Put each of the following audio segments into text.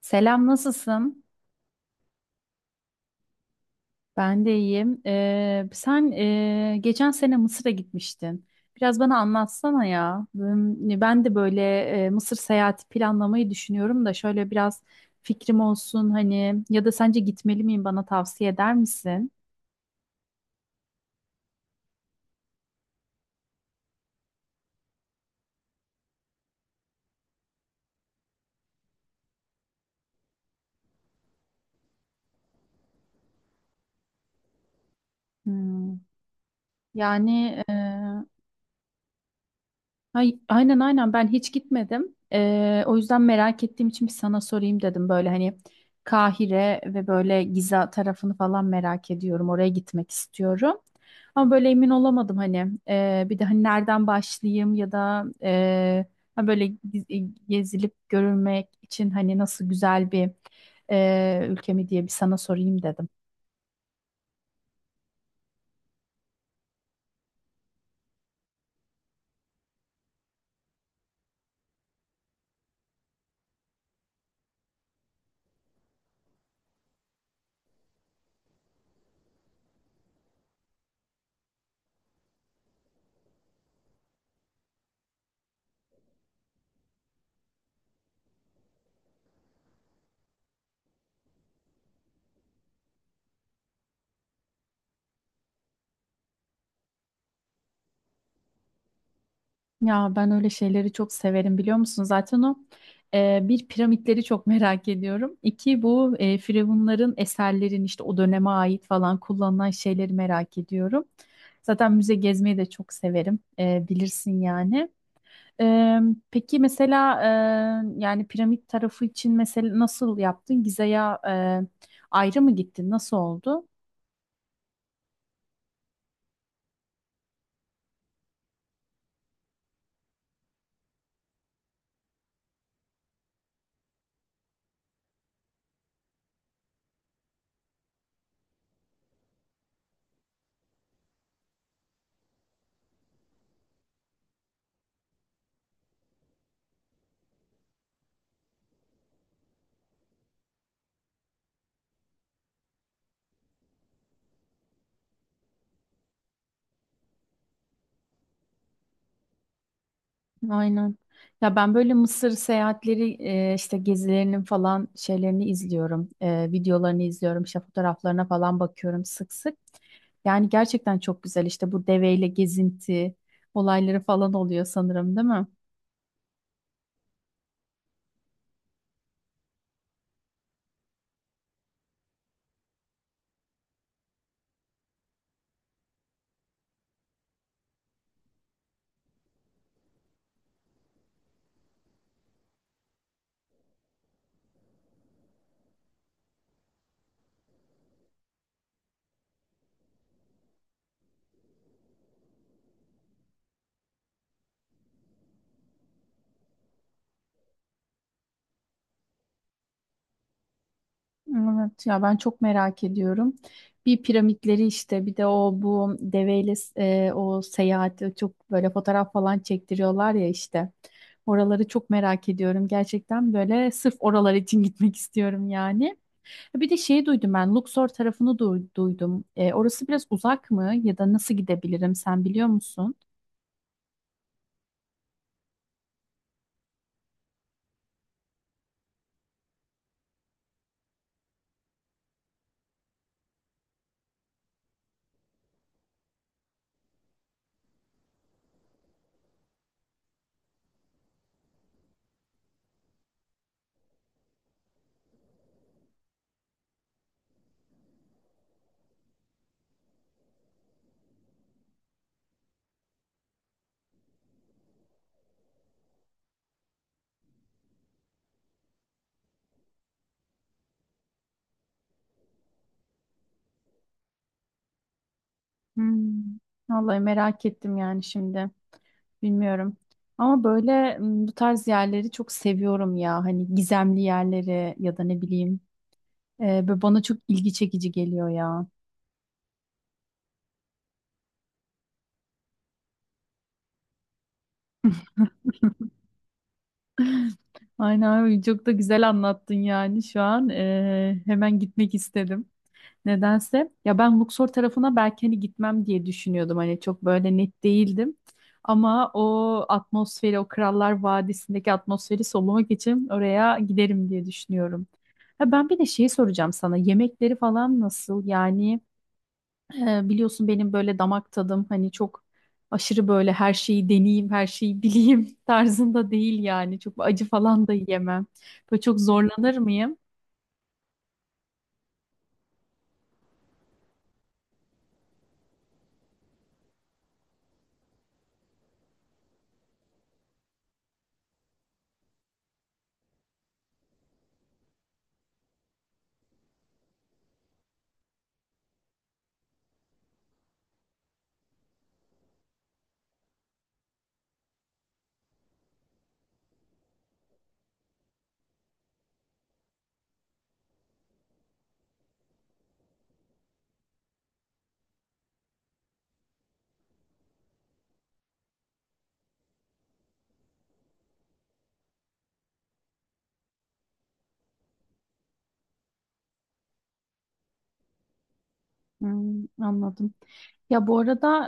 Selam, nasılsın? Ben de iyiyim. Sen geçen sene Mısır'a gitmiştin. Biraz bana anlatsana ya. Ben de böyle Mısır seyahati planlamayı düşünüyorum da şöyle biraz fikrim olsun, hani, ya da sence gitmeli miyim, bana tavsiye eder misin? Hmm. Yani e, aynen, ben hiç gitmedim. O yüzden merak ettiğim için bir sana sorayım dedim. Böyle hani Kahire ve böyle Giza tarafını falan merak ediyorum. Oraya gitmek istiyorum. Ama böyle emin olamadım hani. Bir de hani nereden başlayayım ya da böyle gezilip görülmek için hani nasıl güzel bir ülke mi diye bir sana sorayım dedim. Ya ben öyle şeyleri çok severim, biliyor musun? Zaten o, bir, piramitleri çok merak ediyorum. İki, bu firavunların eserlerin, işte o döneme ait falan kullanılan şeyleri merak ediyorum. Zaten müze gezmeyi de çok severim. E, bilirsin yani. Eee, peki mesela, yani piramit tarafı için mesela nasıl yaptın? Gize'ye eee, ayrı mı gittin? Nasıl oldu? Aynen. Ya ben böyle Mısır seyahatleri işte gezilerinin falan şeylerini izliyorum. E, videolarını izliyorum. İşte fotoğraflarına falan bakıyorum sık sık. Yani gerçekten çok güzel, işte bu deveyle gezinti olayları falan oluyor sanırım, değil mi? Evet, ya ben çok merak ediyorum. Bir, piramitleri, işte bir de o bu deveyle o seyahati, çok böyle fotoğraf falan çektiriyorlar ya işte. Oraları çok merak ediyorum. Gerçekten böyle sırf oralar için gitmek istiyorum yani. E, bir de şeyi duydum, ben Luxor tarafını duydum. E, orası biraz uzak mı ya da nasıl gidebilirim, sen biliyor musun? Hmm. Vallahi merak ettim yani şimdi. Bilmiyorum. Ama böyle bu tarz yerleri çok seviyorum ya. Hani gizemli yerleri ya da ne bileyim. E, böyle bana çok ilgi çekici geliyor ya. Aynen abi, çok da güzel anlattın yani şu an. E, hemen gitmek istedim. Nedense. Ya ben Luxor tarafına belki hani gitmem diye düşünüyordum. Hani çok böyle net değildim. Ama o atmosferi, o Krallar Vadisi'ndeki atmosferi solumak için oraya giderim diye düşünüyorum. Ha, ben bir de şeyi soracağım sana. Yemekleri falan nasıl? Yani, biliyorsun benim böyle damak tadım hani çok aşırı böyle her şeyi deneyeyim, her şeyi bileyim tarzında değil yani. Çok acı falan da yiyemem. Böyle çok zorlanır mıyım? Hmm, anladım. Ya bu arada,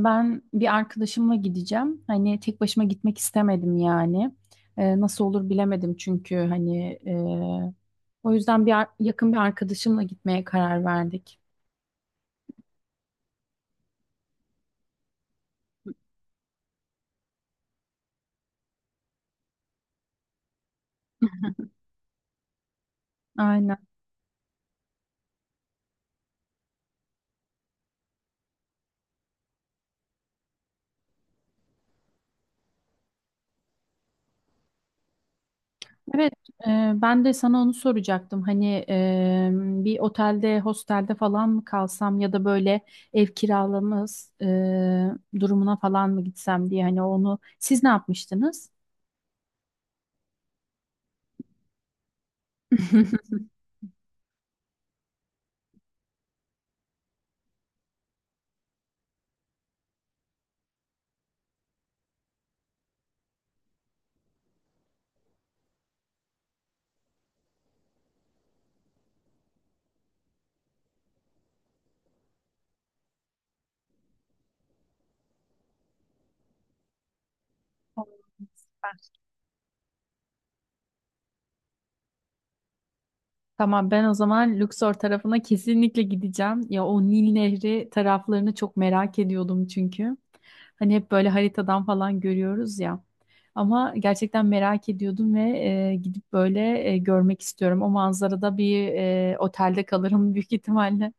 ben bir arkadaşımla gideceğim. Hani tek başıma gitmek istemedim yani. E, nasıl olur bilemedim çünkü hani, o yüzden bir yakın bir arkadaşımla gitmeye karar verdik. Aynen. Evet, ben de sana onu soracaktım. Hani, bir otelde, hostelde falan mı kalsam ya da böyle ev kiralaması durumuna falan mı gitsem diye, hani onu siz ne yapmıştınız? Tamam, ben o zaman Luxor tarafına kesinlikle gideceğim. Ya o Nil Nehri taraflarını çok merak ediyordum çünkü. Hani hep böyle haritadan falan görüyoruz ya. Ama gerçekten merak ediyordum ve gidip böyle görmek istiyorum. O manzarada bir otelde kalırım büyük ihtimalle.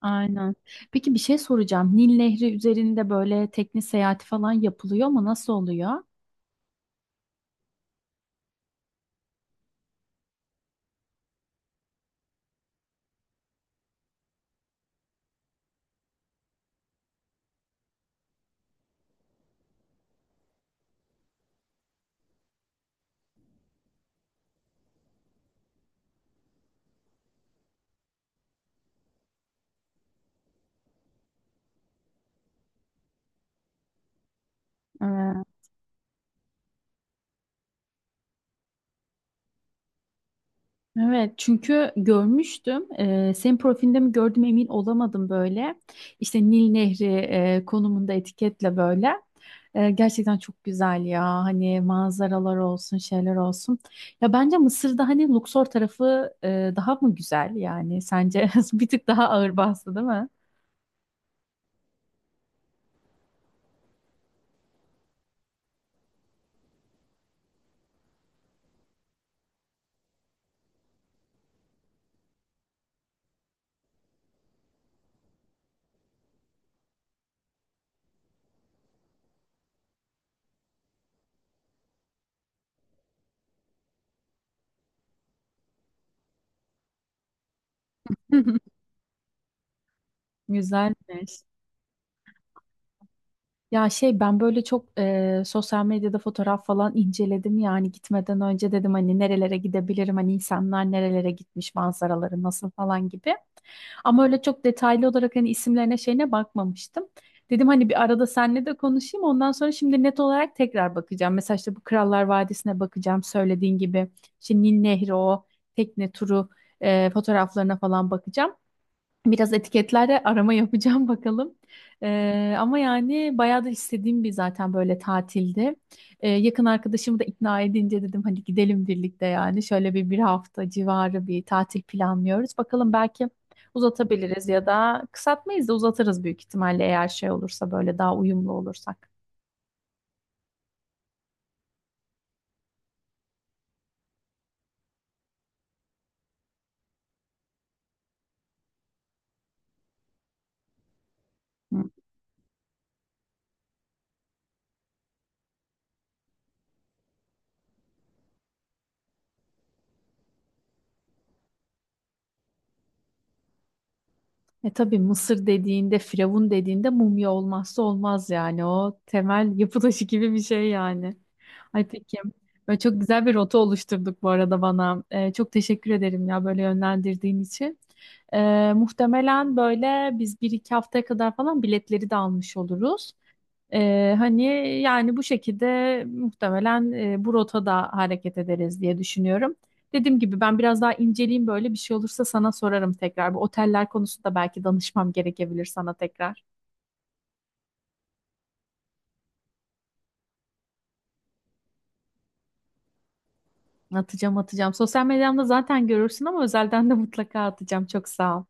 Aynen. Peki bir şey soracağım. Nil Nehri üzerinde böyle tekne seyahati falan yapılıyor mu? Nasıl oluyor? Evet, çünkü görmüştüm. Senin profilinde mi gördüm emin olamadım böyle. İşte Nil Nehri konumunda etiketle böyle. Gerçekten çok güzel ya. Hani manzaralar olsun, şeyler olsun. Ya bence Mısır'da hani Luxor tarafı daha mı güzel yani? Sence bir tık daha ağır bastı, değil mi? Güzelmiş. Ya şey, ben böyle çok sosyal medyada fotoğraf falan inceledim, yani gitmeden önce dedim hani nerelere gidebilirim, hani insanlar nerelere gitmiş, manzaraları nasıl falan gibi. Ama öyle çok detaylı olarak hani isimlerine şeyine bakmamıştım. Dedim hani bir arada seninle de konuşayım, ondan sonra şimdi net olarak tekrar bakacağım. Mesela işte bu Krallar Vadisi'ne bakacağım söylediğin gibi. Şimdi Nil Nehri, o tekne turu fotoğraflarına falan bakacağım. Biraz etiketlerde arama yapacağım bakalım. Ama yani bayağı da istediğim bir zaten böyle tatildi. Yakın arkadaşımı da ikna edince dedim hani gidelim birlikte yani. Şöyle bir hafta civarı bir tatil planlıyoruz. Bakalım, belki uzatabiliriz ya da kısaltmayız da uzatırız büyük ihtimalle, eğer şey olursa, böyle daha uyumlu olursak. E tabii, Mısır dediğinde, Firavun dediğinde mumya olmazsa olmaz yani. O temel yapı taşı gibi bir şey yani. Ay peki. Böyle çok güzel bir rota oluşturduk bu arada bana. E, çok teşekkür ederim ya, böyle yönlendirdiğin için. E, muhtemelen böyle biz bir iki haftaya kadar falan biletleri de almış oluruz. E, hani yani bu şekilde muhtemelen bu rotada hareket ederiz diye düşünüyorum. Dediğim gibi ben biraz daha inceleyeyim, böyle bir şey olursa sana sorarım tekrar. Bu oteller konusunda belki danışmam gerekebilir sana tekrar. Atacağım, atacağım. Sosyal medyamda zaten görürsün ama özelden de mutlaka atacağım. Çok sağ ol.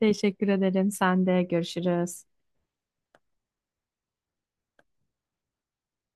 Teşekkür ederim. Sen de görüşürüz.